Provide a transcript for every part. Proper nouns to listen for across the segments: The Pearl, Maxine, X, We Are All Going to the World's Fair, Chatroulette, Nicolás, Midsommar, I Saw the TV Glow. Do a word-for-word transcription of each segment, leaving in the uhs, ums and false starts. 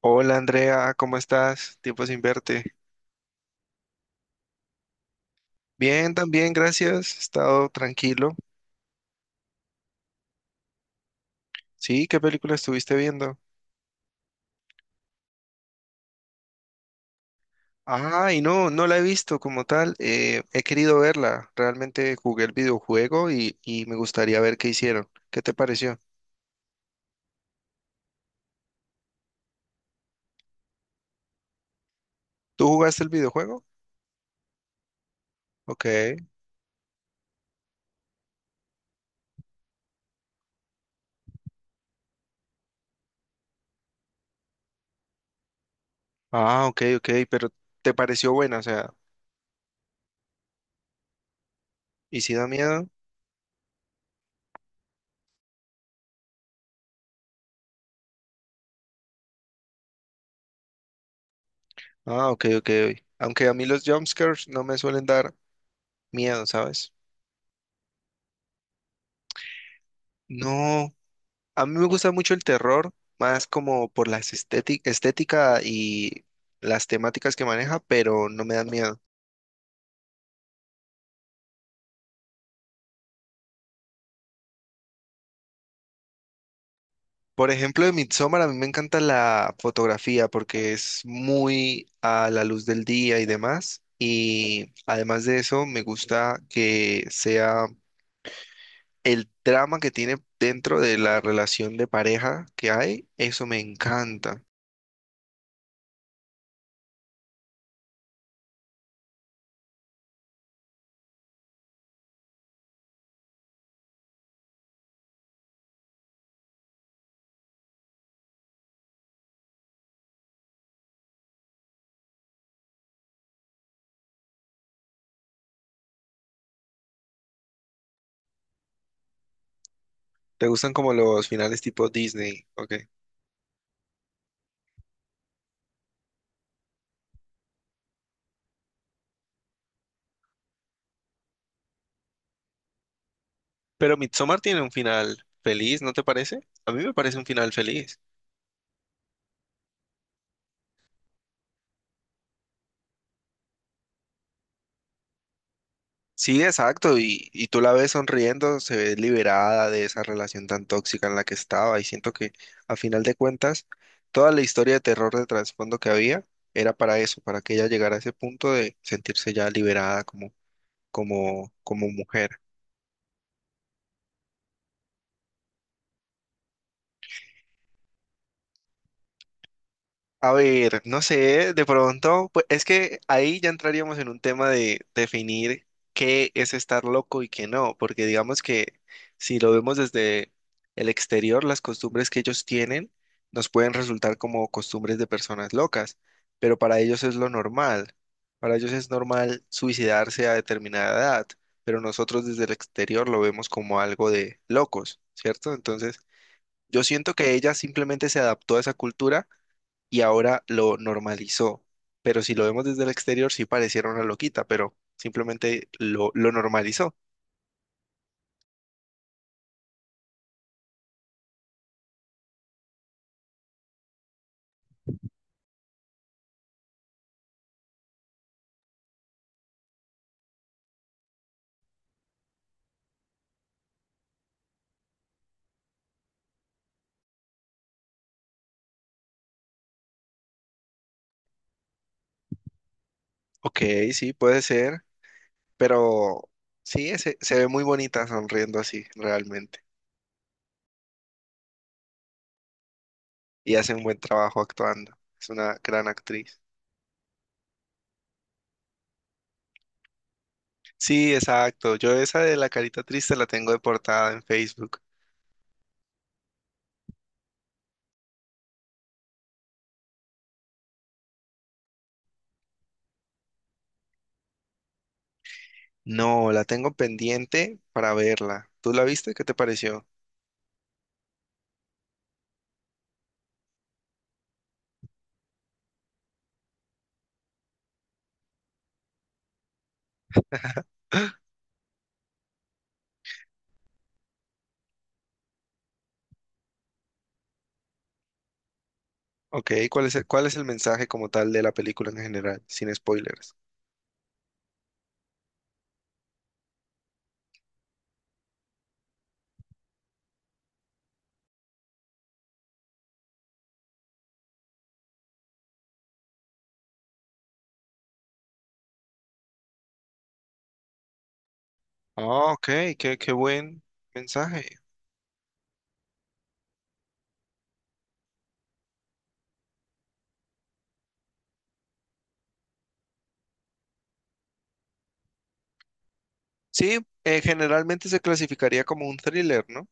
Hola Andrea, ¿cómo estás? Tiempo sin verte. Bien, también, gracias. He estado tranquilo. Sí, ¿qué película estuviste viendo? Ay, no, no la he visto como tal. eh, he querido verla. Realmente jugué el videojuego y, y me gustaría ver qué hicieron. ¿Qué te pareció? ¿Tú jugaste el videojuego? Ok. Ah, ok, ok, pero ¿te pareció buena? O sea, ¿y si da miedo? Ah, ok, ok. Ok. Aunque a mí los jumpscares no me suelen dar miedo, ¿sabes? No. A mí me gusta mucho el terror, más como por la estética y las temáticas que maneja, pero no me dan miedo. Por ejemplo, de Midsommar a mí me encanta la fotografía porque es muy a la luz del día y demás. Y además de eso, me gusta que sea el drama que tiene dentro de la relación de pareja que hay. Eso me encanta. ¿Te gustan como los finales tipo Disney? Ok. Pero Midsommar tiene un final feliz, ¿no te parece? A mí me parece un final feliz. Sí, exacto, y, y tú la ves sonriendo, se ve liberada de esa relación tan tóxica en la que estaba, y siento que a final de cuentas, toda la historia de terror de trasfondo que había era para eso, para que ella llegara a ese punto de sentirse ya liberada como, como, como mujer. A ver, no sé, de pronto, pues es que ahí ya entraríamos en un tema de definir qué es estar loco y qué no, porque digamos que si lo vemos desde el exterior, las costumbres que ellos tienen nos pueden resultar como costumbres de personas locas, pero para ellos es lo normal. Para ellos es normal suicidarse a determinada edad, pero nosotros desde el exterior lo vemos como algo de locos, ¿cierto? Entonces, yo siento que ella simplemente se adaptó a esa cultura y ahora lo normalizó. Pero si lo vemos desde el exterior, sí pareciera una loquita, pero simplemente lo, lo normalizó. Ok, sí, puede ser, pero sí, se, se ve muy bonita sonriendo así, realmente. Y hace un buen trabajo actuando. Es una gran actriz. Sí, exacto. Yo esa de la carita triste la tengo de portada en Facebook. No, la tengo pendiente para verla. ¿Tú la viste? ¿Qué te pareció? Ok, ¿cuál es el, cuál es el mensaje como tal de la película en general, sin spoilers? Ah, ok, qué, qué buen mensaje. Sí, eh, generalmente se clasificaría como un thriller, ¿no?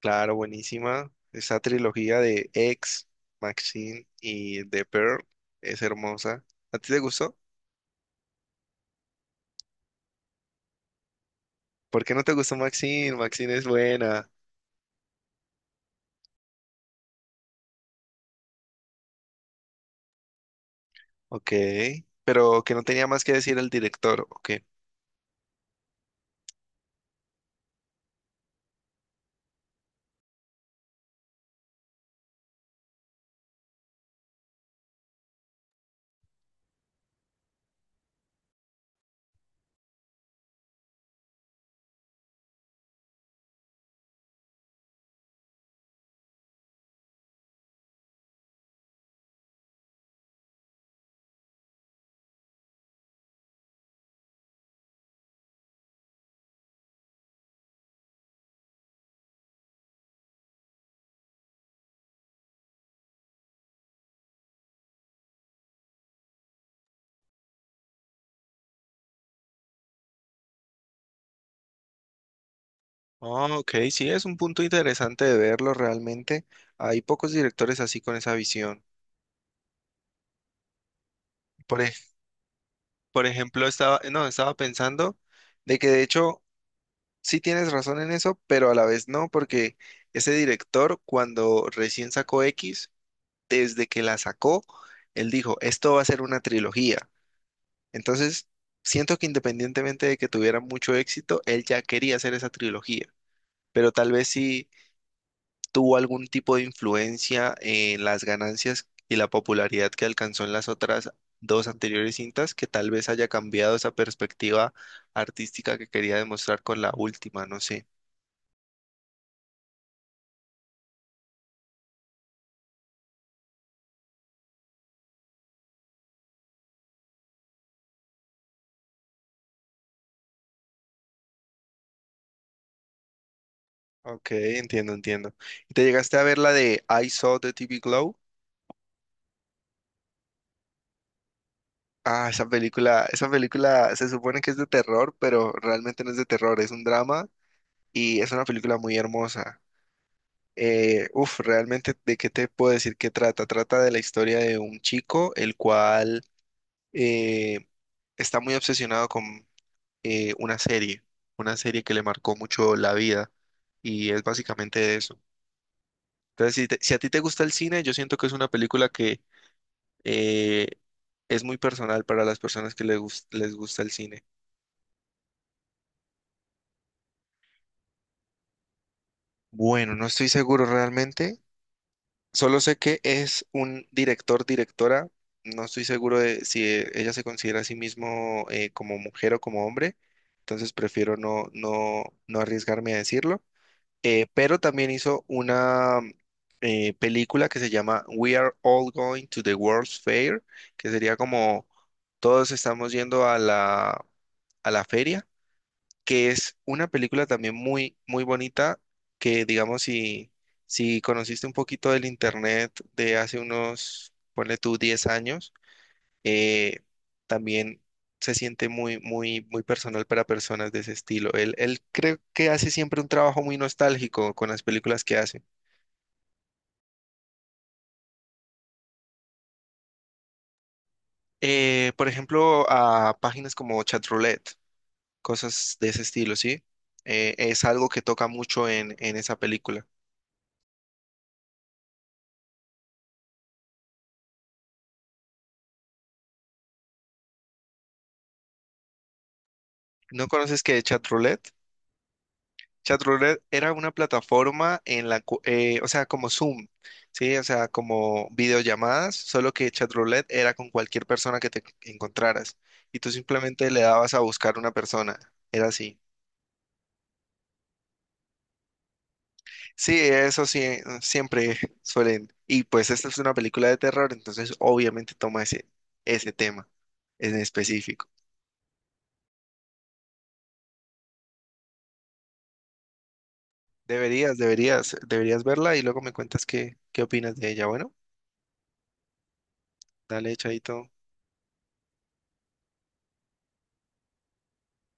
Claro, buenísima. Esa trilogía de X, Maxine y The Pearl es hermosa. ¿A ti te gustó? ¿Por qué no te gustó Maxine? Maxine es buena. Ok, pero que no tenía más que decir el director, ok. Ah, ok, sí, es un punto interesante de verlo realmente. Hay pocos directores así con esa visión. Por, ej- por ejemplo, estaba, no, estaba pensando de que de hecho Sí tienes razón en eso, pero a la vez no, porque ese director cuando recién sacó X, desde que la sacó, él dijo, esto va a ser una trilogía. Entonces, siento que independientemente de que tuviera mucho éxito, él ya quería hacer esa trilogía, pero tal vez sí tuvo algún tipo de influencia en las ganancias y la popularidad que alcanzó en las otras dos anteriores cintas, que tal vez haya cambiado esa perspectiva artística que quería demostrar con la última, no sé. Ok, entiendo, entiendo. ¿Y te llegaste a ver la de I Saw the T V Glow? Ah, esa película, esa película se supone que es de terror, pero realmente no es de terror, es un drama y es una película muy hermosa. Eh, uf, realmente, ¿de qué te puedo decir que trata? Trata de la historia de un chico el cual eh, está muy obsesionado con eh, una serie, una serie, que le marcó mucho la vida y es básicamente eso. Entonces, si, te- si a ti te gusta el cine, yo siento que es una película que eh, es muy personal para las personas que les gus- les gusta el cine. Bueno, no estoy seguro realmente. Solo sé que es un director, directora. No estoy seguro de si eh, ella se considera a sí mismo eh, como mujer o como hombre. Entonces prefiero no, no, no arriesgarme a decirlo. Eh, pero también hizo una eh, película que se llama We Are All Going to the World's Fair, que sería como todos estamos yendo a la, a la feria que es una película también muy, muy bonita, que digamos, si, si conociste un poquito del internet de hace unos, ponle tú, diez años, eh, también se siente muy, muy, muy personal para personas de ese estilo. Él, él creo que hace siempre un trabajo muy nostálgico con las películas que hace. Eh, por ejemplo, a páginas como Chatroulette, cosas de ese estilo, ¿sí? Eh, es algo que toca mucho en, en esa película. ¿No conoces que Chatroulette? Chatroulette era una plataforma en la, cu- eh, o sea, como Zoom, ¿sí? O sea, como videollamadas, solo que Chatroulette era con cualquier persona que te encontraras y tú simplemente le dabas a buscar una persona, era así. Sí, eso sí, siempre suelen. Y pues esta es una película de terror, entonces obviamente toma ese, ese tema en específico. Deberías, deberías, deberías verla y luego me cuentas qué, qué opinas de ella. Bueno, dale, chaito.